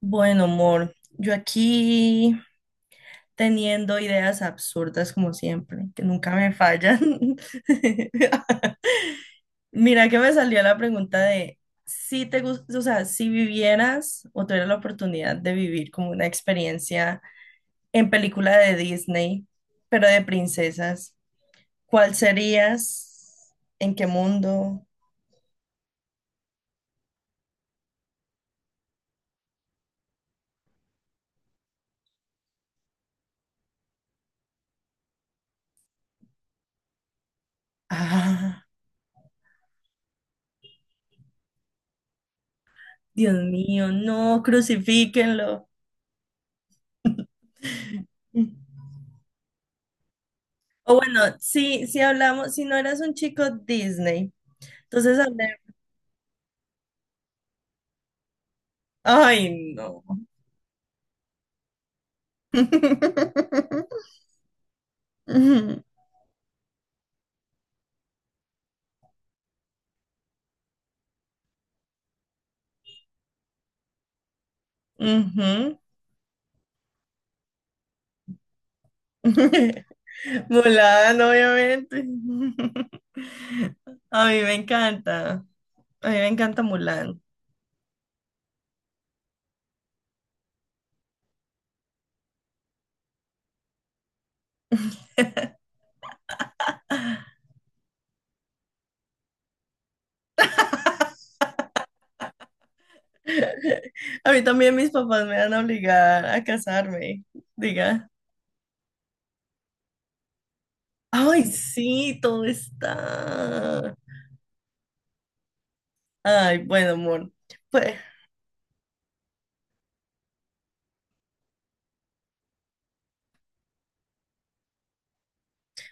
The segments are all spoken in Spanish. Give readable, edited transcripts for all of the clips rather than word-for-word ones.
Bueno, amor, yo aquí teniendo ideas absurdas como siempre, que nunca me fallan. Mira que me salió la pregunta de si te gusta, o sea, si vivieras o tuvieras la oportunidad de vivir como una experiencia en película de Disney, pero de princesas, ¿cuál serías? ¿En qué mundo? Ah, Dios mío, no, crucifíquenlo. O bueno, si hablamos, si no eras un chico Disney, entonces hablé. Ay, no. Ujú, ujú. Mulan, obviamente. A mí me encanta. A mí me encanta Mulan. A mí también mis papás me van a obligar a casarme. Diga. Ay, sí, todo está. Ay, bueno, amor. Pues,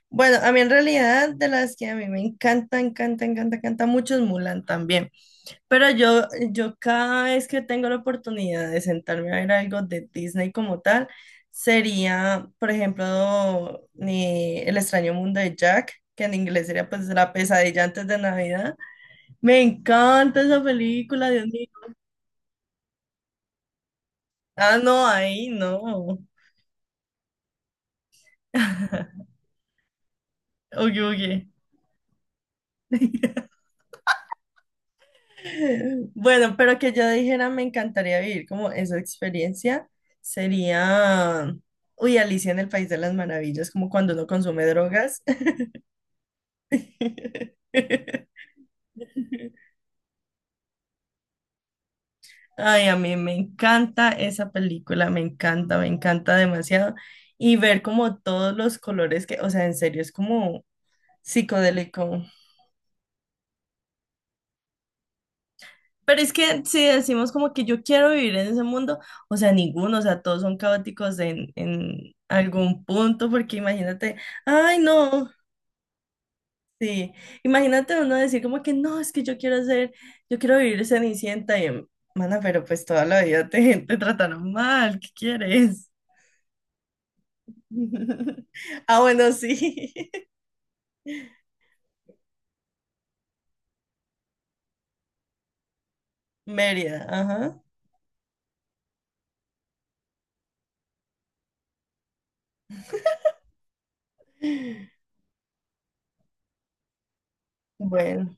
bueno, a mí en realidad de las que a mí me encanta, encanta, encanta, encanta mucho es Mulan también. Pero yo cada vez que tengo la oportunidad de sentarme a ver algo de Disney como tal, sería, por ejemplo, ni El extraño mundo de Jack, que en inglés sería pues La pesadilla antes de Navidad. Me encanta esa película, Dios mío. Ah, no, ahí no. Oye, oye. Bueno, pero que yo dijera me encantaría vivir como esa experiencia sería, uy, Alicia en el País de las Maravillas, como cuando uno consume drogas. Ay, a mí me encanta esa película, me encanta demasiado. Y ver como todos los colores que, o sea, en serio, es como psicodélico. Pero es que si decimos como que yo quiero vivir en ese mundo, o sea, ninguno, o sea, todos son caóticos en algún punto, porque imagínate, ay, no, sí, imagínate uno decir como que no, es que yo quiero ser, yo quiero vivir Cenicienta y, mana, pero pues toda la vida te trataron mal, ¿qué quieres? Ah, bueno, sí, Mérida, ajá. Bueno,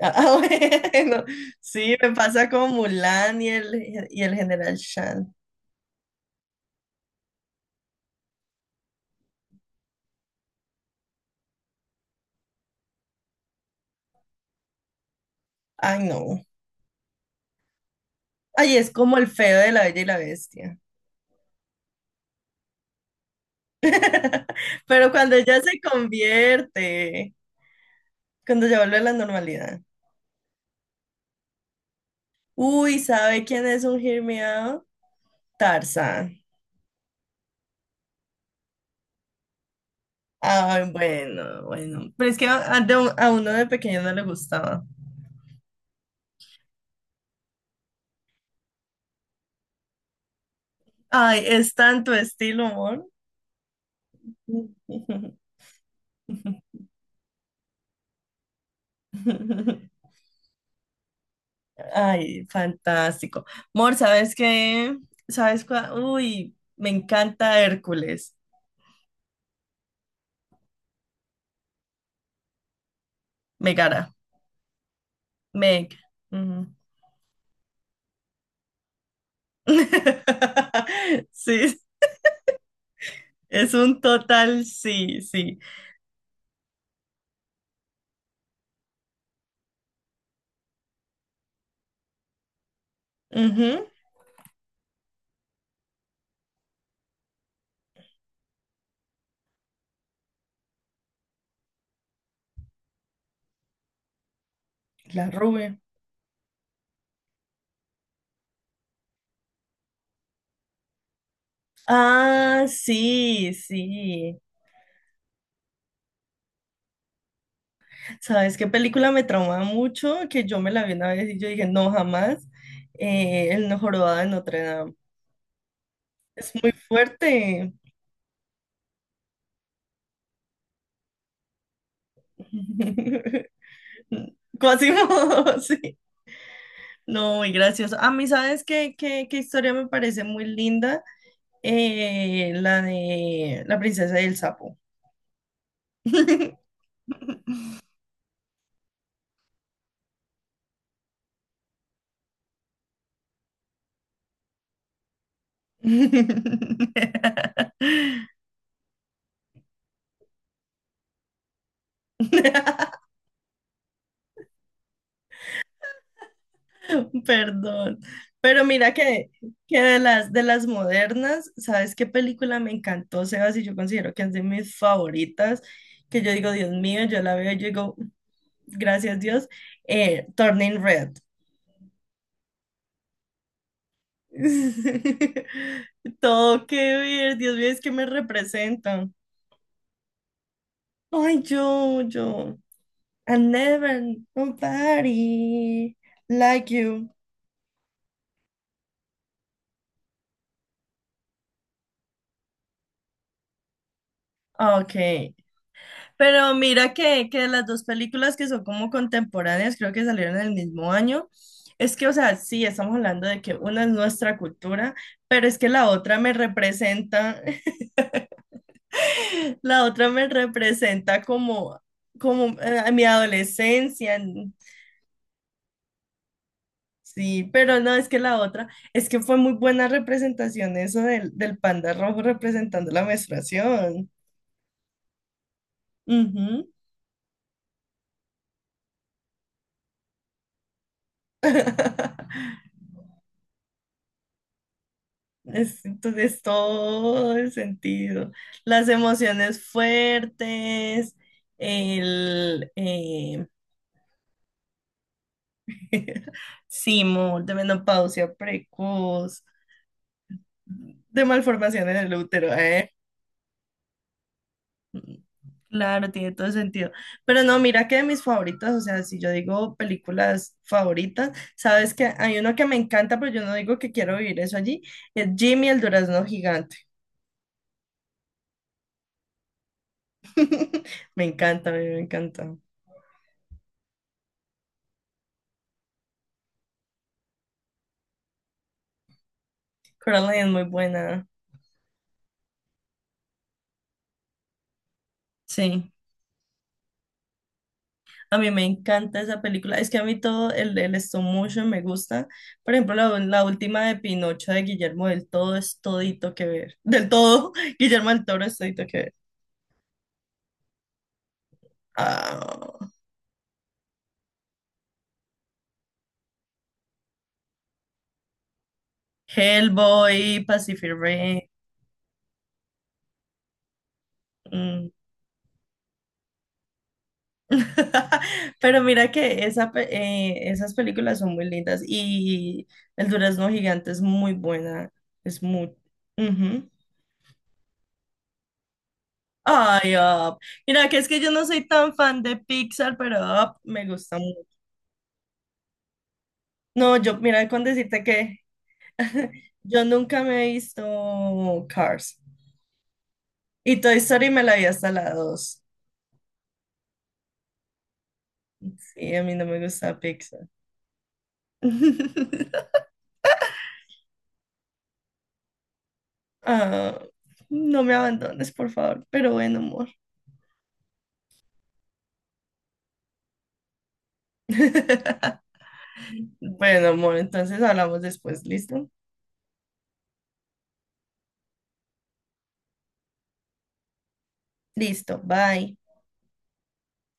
ah, ah, bueno, sí, me pasa con Mulan y el, general Shan. Ay, no. Ay, es como el feo de la Bella y la Bestia. Pero cuando ya se convierte, cuando ya vuelve a la normalidad. Uy, ¿sabe quién es un Hear Me Out? Tarzán. Ay, bueno, bueno. Pero es que a uno de pequeño no le gustaba. Ay, es tanto estilo, amor. Ay, fantástico. Mor, ¿sabes qué? ¿Sabes cuál? Uy, me encanta Hércules. Megara. Meg. Sí, es un total sí, sí. Ujú. La rubia. Ah, sí, sí. ¿Sabes qué película me traumaba mucho? Que yo me la vi una vez y yo dije, no, jamás. El no jorobado de Notre Dame. Es muy fuerte. Quasimodo, sí. No, muy gracioso. A mí, ¿sabes qué historia me parece muy linda? La de la princesa y el sapo. Perdón. Pero mira que de las modernas, ¿sabes qué película me encantó, Sebas? Y yo considero que es de mis favoritas, que yo digo, Dios mío, yo la veo y yo digo, gracias Dios, Turning Red. Todo que ver, Dios mío, es que me representan. Ay, yo, yo. I never nobody like you. Ok. Pero mira que las dos películas que son como contemporáneas, creo que salieron en el mismo año. Es que, o sea, sí, estamos hablando de que una es nuestra cultura, pero es que la otra me representa, la otra me representa como a mi adolescencia. Sí, pero no, es que la otra, es que fue muy buena representación eso del panda rojo representando la menstruación. Ujú. Entonces todo el sentido. Las emociones fuertes, el simul de menopausia precoz, de malformación en el útero, ¿eh? Claro, tiene todo el sentido. Pero no, mira que de mis favoritas, o sea, si yo digo películas favoritas, sabes que hay uno que me encanta, pero yo no digo que quiero vivir eso allí, es Jimmy el Durazno Gigante. Me encanta, a mí me encanta. Coraline es muy buena. Sí. A mí me encanta esa película. Es que a mí todo el stop motion me gusta. Por ejemplo, la última de Pinocho de Guillermo del Todo es todito que ver. Del todo, Guillermo del Toro es todito que ver. Ah, Hellboy, Pacific Rim. Mm. Pero mira que esas películas son muy lindas y El Durazno Gigante es muy buena. Es muy... Ay, Up. Mira, que es que yo no soy tan fan de Pixar, pero Up me gusta mucho. No, mira, con decirte que yo nunca me he visto Cars. Y Toy Story me la vi hasta la 2. Sí, a mí no me gusta Pixar. Ah, no me abandones, por favor. Pero bueno, amor. Bueno, amor, entonces hablamos después, ¿listo? Listo, bye.